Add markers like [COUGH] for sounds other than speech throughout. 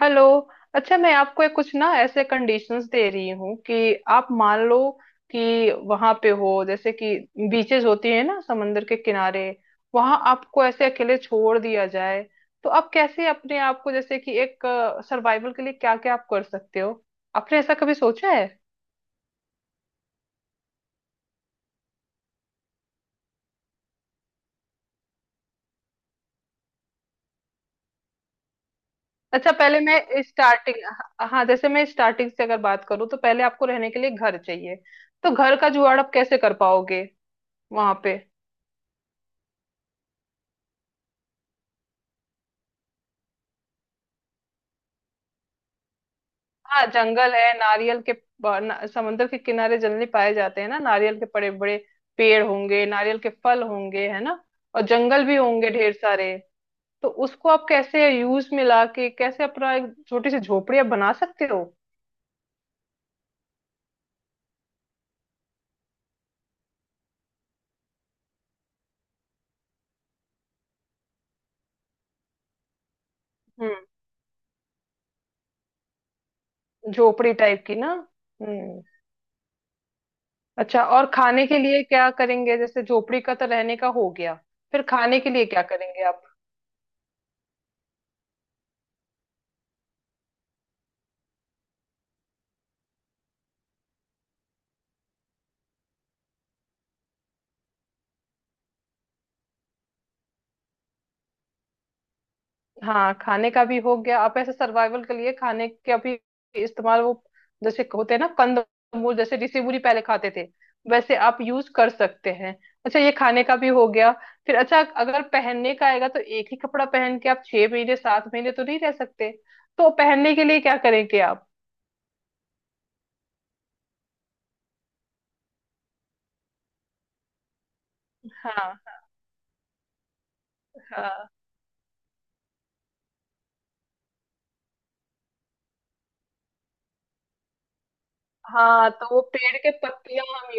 Hello. अच्छा, मैं आपको एक कुछ ना ऐसे कंडीशंस दे रही हूँ कि आप मान लो कि वहां पे हो, जैसे कि बीचेस होती है ना समंदर के किनारे, वहां आपको ऐसे अकेले छोड़ दिया जाए, तो आप कैसे अपने आप को जैसे कि एक सर्वाइवल के लिए क्या क्या आप कर सकते हो? आपने ऐसा कभी सोचा है? अच्छा, पहले मैं स्टार्टिंग हाँ हाँ, जैसे मैं स्टार्टिंग से अगर बात करूँ तो पहले आपको रहने के लिए घर चाहिए। तो घर का जुगाड़ आप कैसे कर पाओगे वहां पे? हाँ, जंगल है। नारियल के ना, समुद्र के किनारे जनरली पाए जाते हैं ना नारियल के बड़े बड़े पेड़ होंगे, नारियल के फल होंगे, है ना? और जंगल भी होंगे ढेर सारे। तो उसको आप कैसे यूज में ला के, कैसे अपना एक छोटी सी झोपड़ी आप बना सकते हो? हम्म। झोपड़ी टाइप की ना। हम्म। अच्छा, और खाने के लिए क्या करेंगे? जैसे झोपड़ी का तो रहने का हो गया, फिर खाने के लिए क्या करेंगे आप? हाँ, खाने का भी हो गया। आप ऐसे सर्वाइवल के लिए खाने के अभी इस्तेमाल, वो जैसे होते हैं ना कंद मूल, जैसे ऋषि मुनि पहले खाते थे, वैसे आप यूज कर सकते हैं। अच्छा, ये खाने का भी हो गया। फिर अच्छा, अगर पहनने का आएगा तो एक ही कपड़ा पहन के आप 6 महीने 7 महीने तो नहीं रह सकते। तो पहनने के लिए क्या करेंगे आप? हाँ, हाँ, हाँ, तो वो पेड़ के पत्तियां हम।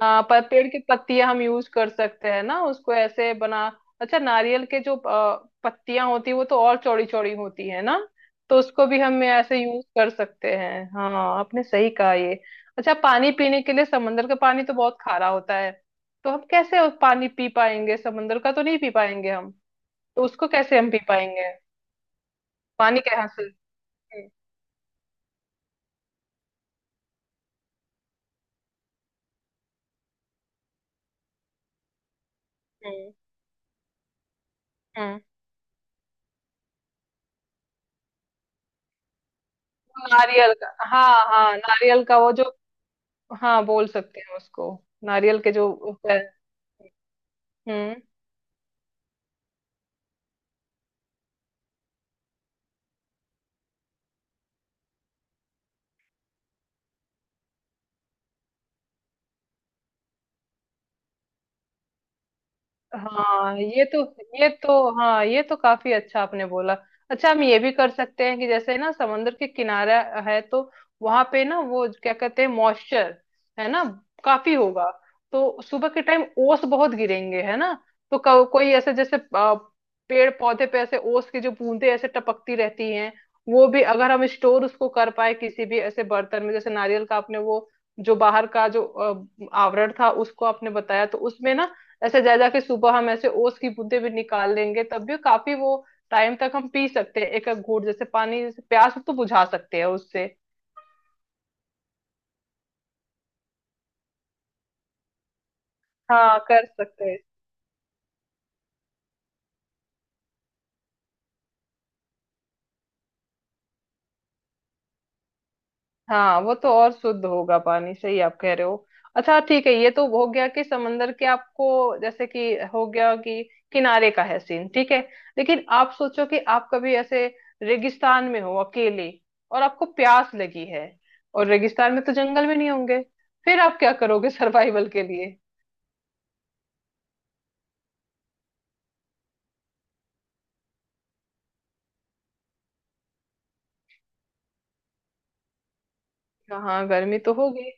हाँ, पर पेड़ की पत्तियां हम यूज कर सकते हैं ना, उसको ऐसे बना। अच्छा, नारियल के जो पत्तियां होती है वो तो और चौड़ी चौड़ी होती है ना, तो उसको भी हम ऐसे यूज कर सकते हैं। हाँ। आपने सही कहा ये। अच्छा, पानी पीने के लिए समंदर का पानी तो बहुत खारा होता है, तो हम कैसे उस पानी पी पाएंगे? समंदर का तो नहीं पी पाएंगे हम, तो उसको कैसे हम पी पाएंगे? पानी के यहाँ से। हम्म। हम्म। हम्म। नारियल का, हाँ हाँ, नारियल का वो जो। हाँ, बोल सकते हैं उसको। नारियल के जो। हम्म। हाँ, ये तो हाँ, ये तो काफी अच्छा आपने बोला। अच्छा, हम ये भी कर सकते हैं कि जैसे ना समुद्र के किनारा है, तो वहां पे ना वो क्या कहते हैं, मॉइस्चर, है ना? काफी होगा। तो सुबह के टाइम ओस बहुत गिरेंगे, है ना? तो कोई ऐसे जैसे पेड़ पौधे पे ऐसे ओस की जो बूंदे ऐसे टपकती रहती हैं, वो भी अगर हम स्टोर उसको कर पाए किसी भी ऐसे बर्तन में, जैसे नारियल का आपने वो जो बाहर का जो आवरण था, उसको आपने बताया, तो उसमें ना ऐसे जा जाके सुबह हम ऐसे ओस की बूंदें भी निकाल लेंगे, तब भी काफी वो टाइम तक हम पी सकते हैं, एक एक घूंट जैसे पानी, जैसे प्यास तो बुझा सकते हैं उससे। हाँ, कर सकते हैं। हाँ, वो तो और शुद्ध होगा पानी, सही आप कह रहे हो। अच्छा, ठीक है, ये तो हो गया कि समंदर के आपको, जैसे कि, हो गया कि किनारे का है सीन, ठीक है। लेकिन आप सोचो कि आप कभी ऐसे रेगिस्तान में हो अकेले, और आपको प्यास लगी है, और रेगिस्तान में तो जंगल में नहीं होंगे, फिर आप क्या करोगे [LAUGHS] सर्वाइवल के लिए? हाँ, गर्मी तो होगी।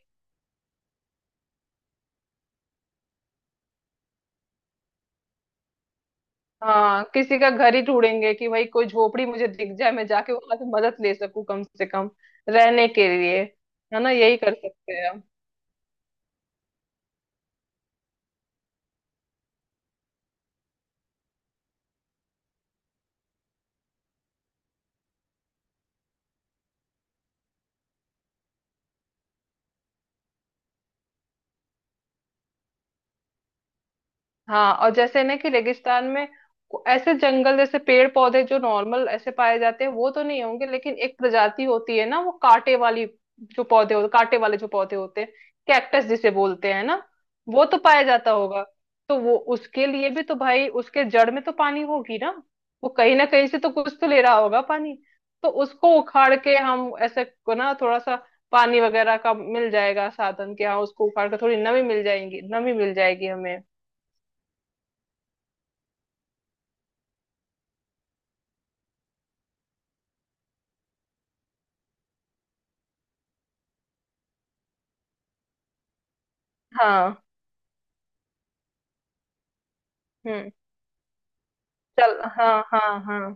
हाँ, किसी का घर ही ढूंढेंगे कि भाई कोई झोपड़ी मुझे दिख जाए, मैं जाके वहां से मदद ले सकूं कम से कम, रहने के लिए, है ना? यही कर सकते हैं। हाँ, और जैसे ना कि रेगिस्तान में ऐसे जंगल जैसे पेड़ पौधे जो नॉर्मल ऐसे पाए जाते हैं वो तो नहीं होंगे, लेकिन एक प्रजाति होती है ना वो कांटे वाली। जो पौधे होते कांटे वाले जो पौधे होते हैं, कैक्टस जिसे बोलते हैं ना, वो तो पाया जाता होगा। तो वो उसके लिए भी तो भाई उसके जड़ में तो पानी होगी ना, वो कहीं ना कहीं से तो कुछ तो ले रहा होगा पानी। तो उसको उखाड़ के हम ऐसे को ना, थोड़ा सा पानी वगैरह का मिल जाएगा साधन कि हाँ, उसको उखाड़ के थोड़ी नमी मिल जाएगी, नमी मिल जाएगी हमें। हाँ। हम्म। चल, हाँ हाँ हाँ।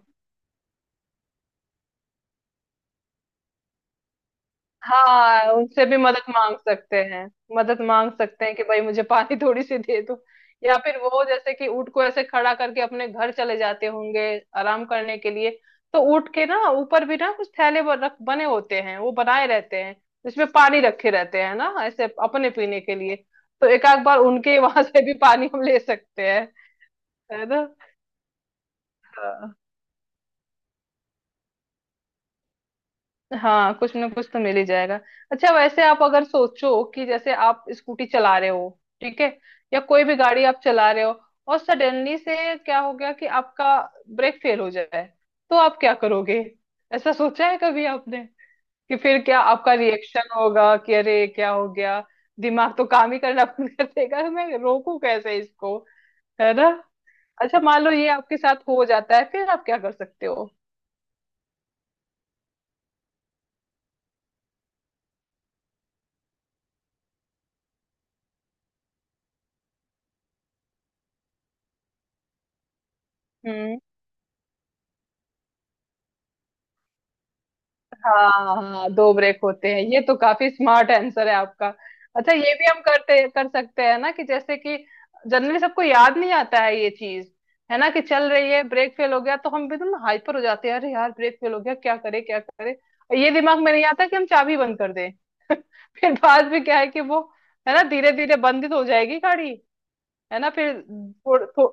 हाँ, उनसे भी मदद मांग सकते हैं, मदद मांग सकते हैं कि भाई मुझे पानी [LAUGHS] थोड़ी सी दे दो। या फिर वो जैसे कि ऊँट को ऐसे खड़ा करके अपने घर चले जाते होंगे आराम करने के लिए। तो ऊँट के ना ऊपर भी ना कुछ थैले रख बने होते हैं, वो बनाए रहते हैं जिसमें पानी रखे रहते हैं ना, ऐसे अपने पीने के लिए। तो एक आध बार उनके [LAUGHS] वहां से भी पानी हम ले सकते हैं, है ना? हाँ, कुछ ना कुछ तो मिल ही जाएगा। अच्छा, वैसे आप अगर सोचो कि जैसे आप स्कूटी चला रहे हो, ठीक है? या कोई भी गाड़ी आप चला रहे हो, और सडनली से क्या हो गया कि आपका ब्रेक फेल हो जाए, तो आप क्या करोगे? ऐसा सोचा है कभी आपने? कि फिर क्या आपका रिएक्शन होगा कि अरे क्या हो गया, दिमाग तो काम ही करना बंद कर देगा, मैं रोकू कैसे इसको, है ना? अच्छा, मान लो ये आपके साथ हो जाता है, फिर आप क्या कर सकते हो? हम्म। हाँ हाँ, दो ब्रेक होते हैं, ये तो काफी स्मार्ट आंसर है आपका। अच्छा, ये भी हम करते कर सकते हैं ना कि जैसे कि, जनरली सबको याद नहीं आता है ये चीज, है ना, कि चल रही है ब्रेक फेल हो गया तो हम एकदम हाइपर हो जाते हैं, अरे यार ब्रेक फेल हो गया क्या करे क्या करे, और ये दिमाग में नहीं आता कि हम चाबी बंद कर दें। [LAUGHS] फिर बाद में क्या है कि वो, है ना, धीरे धीरे बंद ही तो हो जाएगी गाड़ी। है ना? फिर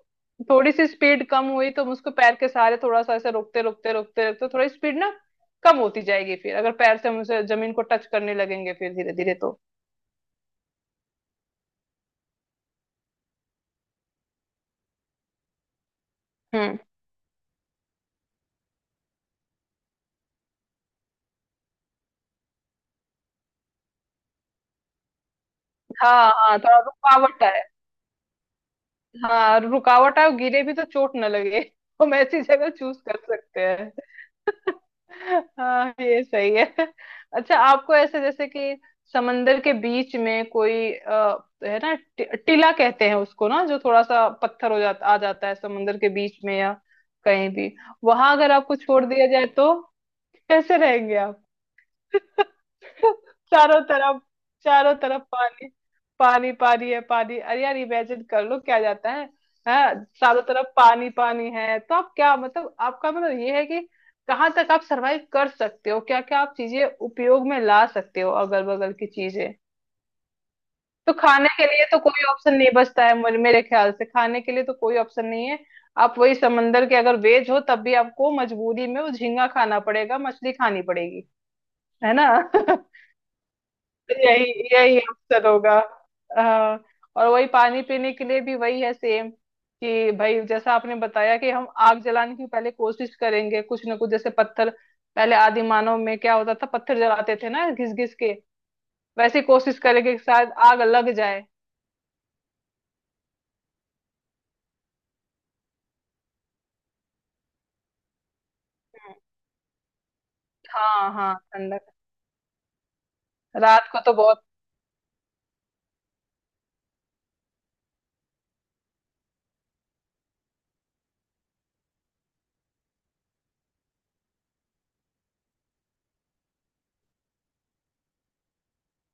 थोड़ी सी स्पीड कम हुई तो हम उसको पैर के सहारे थोड़ा सा ऐसे रोकते रोकते रोकते रोकते, थोड़ी स्पीड ना कम होती जाएगी, फिर अगर पैर से हम उसे जमीन को टच करने लगेंगे फिर धीरे धीरे तो। हम्म। हाँ हाँ, थोड़ा रुकावट है। हाँ, रुकावट आए और गिरे भी तो चोट न लगे, [LAUGHS] हम ऐसी जगह चूज कर सकते हैं। [LAUGHS] हाँ, ये सही है। [LAUGHS] अच्छा, आपको ऐसे जैसे कि समंदर के बीच में कोई है ना, टीला कहते हैं उसको ना, जो थोड़ा सा पत्थर हो जाता आ जाता है समंदर के बीच में या कहीं भी, वहां अगर आपको छोड़ दिया जाए तो? कैसे रहेंगे आप? [LAUGHS] चारों तरफ, चारों तरफ पानी, पानी पानी है पानी, अरे यार, इमेजिन कर लो क्या जाता है। हाँ, चारों तरफ पानी पानी है। तो आप क्या मतलब, आपका मतलब ये है कि कहाँ तक आप सरवाइव कर सकते हो, क्या क्या आप चीजें उपयोग में ला सकते हो अगल बगल की चीजें। तो खाने के लिए तो कोई ऑप्शन नहीं बचता है, मेरे ख्याल से खाने के लिए तो कोई ऑप्शन नहीं है। आप वही समंदर के अगर वेज हो तब भी आपको मजबूरी में वो झींगा खाना पड़ेगा, मछली खानी पड़ेगी। है ना? [LAUGHS] यही यही अवसर होगा। हाँ, और वही पानी पीने के लिए भी वही है सेम, कि भाई जैसा आपने बताया कि हम आग जलाने की पहले कोशिश करेंगे, कुछ ना कुछ जैसे पत्थर, पहले आदि मानव में क्या होता था पत्थर जलाते थे ना घिस घिस के, वैसे कोशिश करेंगे कि शायद आग लग जाए। हम्म, हाँ हाँ, ठंडक। रात को तो बहुत।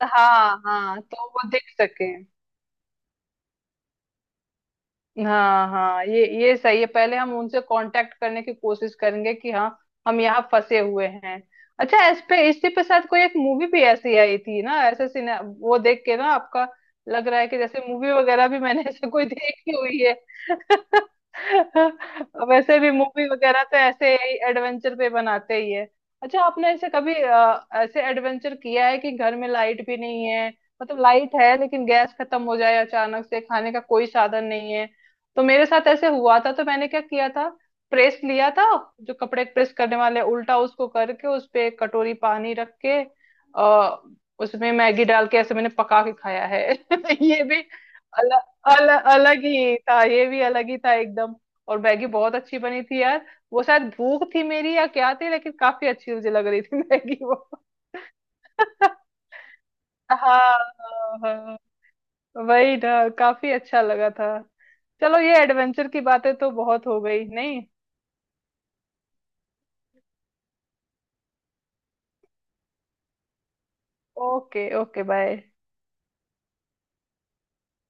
हाँ हाँ, तो वो देख सके। हाँ हाँ, ये सही है, पहले हम उनसे कांटेक्ट करने की कोशिश करेंगे कि हाँ, हम यहाँ फंसे हुए हैं। अच्छा, इस पे इसी पे शायद कोई एक मूवी भी ऐसी आई थी ना ऐसे, सिने वो देख के ना आपका लग रहा है कि जैसे मूवी वगैरह भी मैंने [LAUGHS] ऐसे कोई देखी हुई है। [LAUGHS] वैसे भी मूवी वगैरह तो ऐसे ही एडवेंचर पे बनाते ही है। अच्छा, आपने ऐसे कभी ऐसे एडवेंचर किया है कि घर में लाइट भी नहीं है, मतलब लाइट है लेकिन गैस खत्म हो जाए अचानक से, खाने का कोई साधन नहीं है? तो मेरे साथ ऐसे हुआ था तो मैंने क्या किया था, प्रेस लिया था, जो कपड़े प्रेस करने वाले, उल्टा उसको करके उस पे एक कटोरी पानी रख के आ, उसमें मैगी डाल के ऐसे मैंने पका के खाया है। [LAUGHS] ये भी अलग, अलग अलग ही था, ये भी अलग ही था एकदम। और मैगी बहुत अच्छी बनी थी यार, वो शायद भूख थी मेरी या क्या थी, लेकिन काफी अच्छी मुझे लग रही थी मैगी वो। [LAUGHS] हाँ। हाँ। वही ना, काफी अच्छा लगा था। चलो, ये एडवेंचर की बातें तो बहुत हो गई, नहीं? Okay, okay, bye.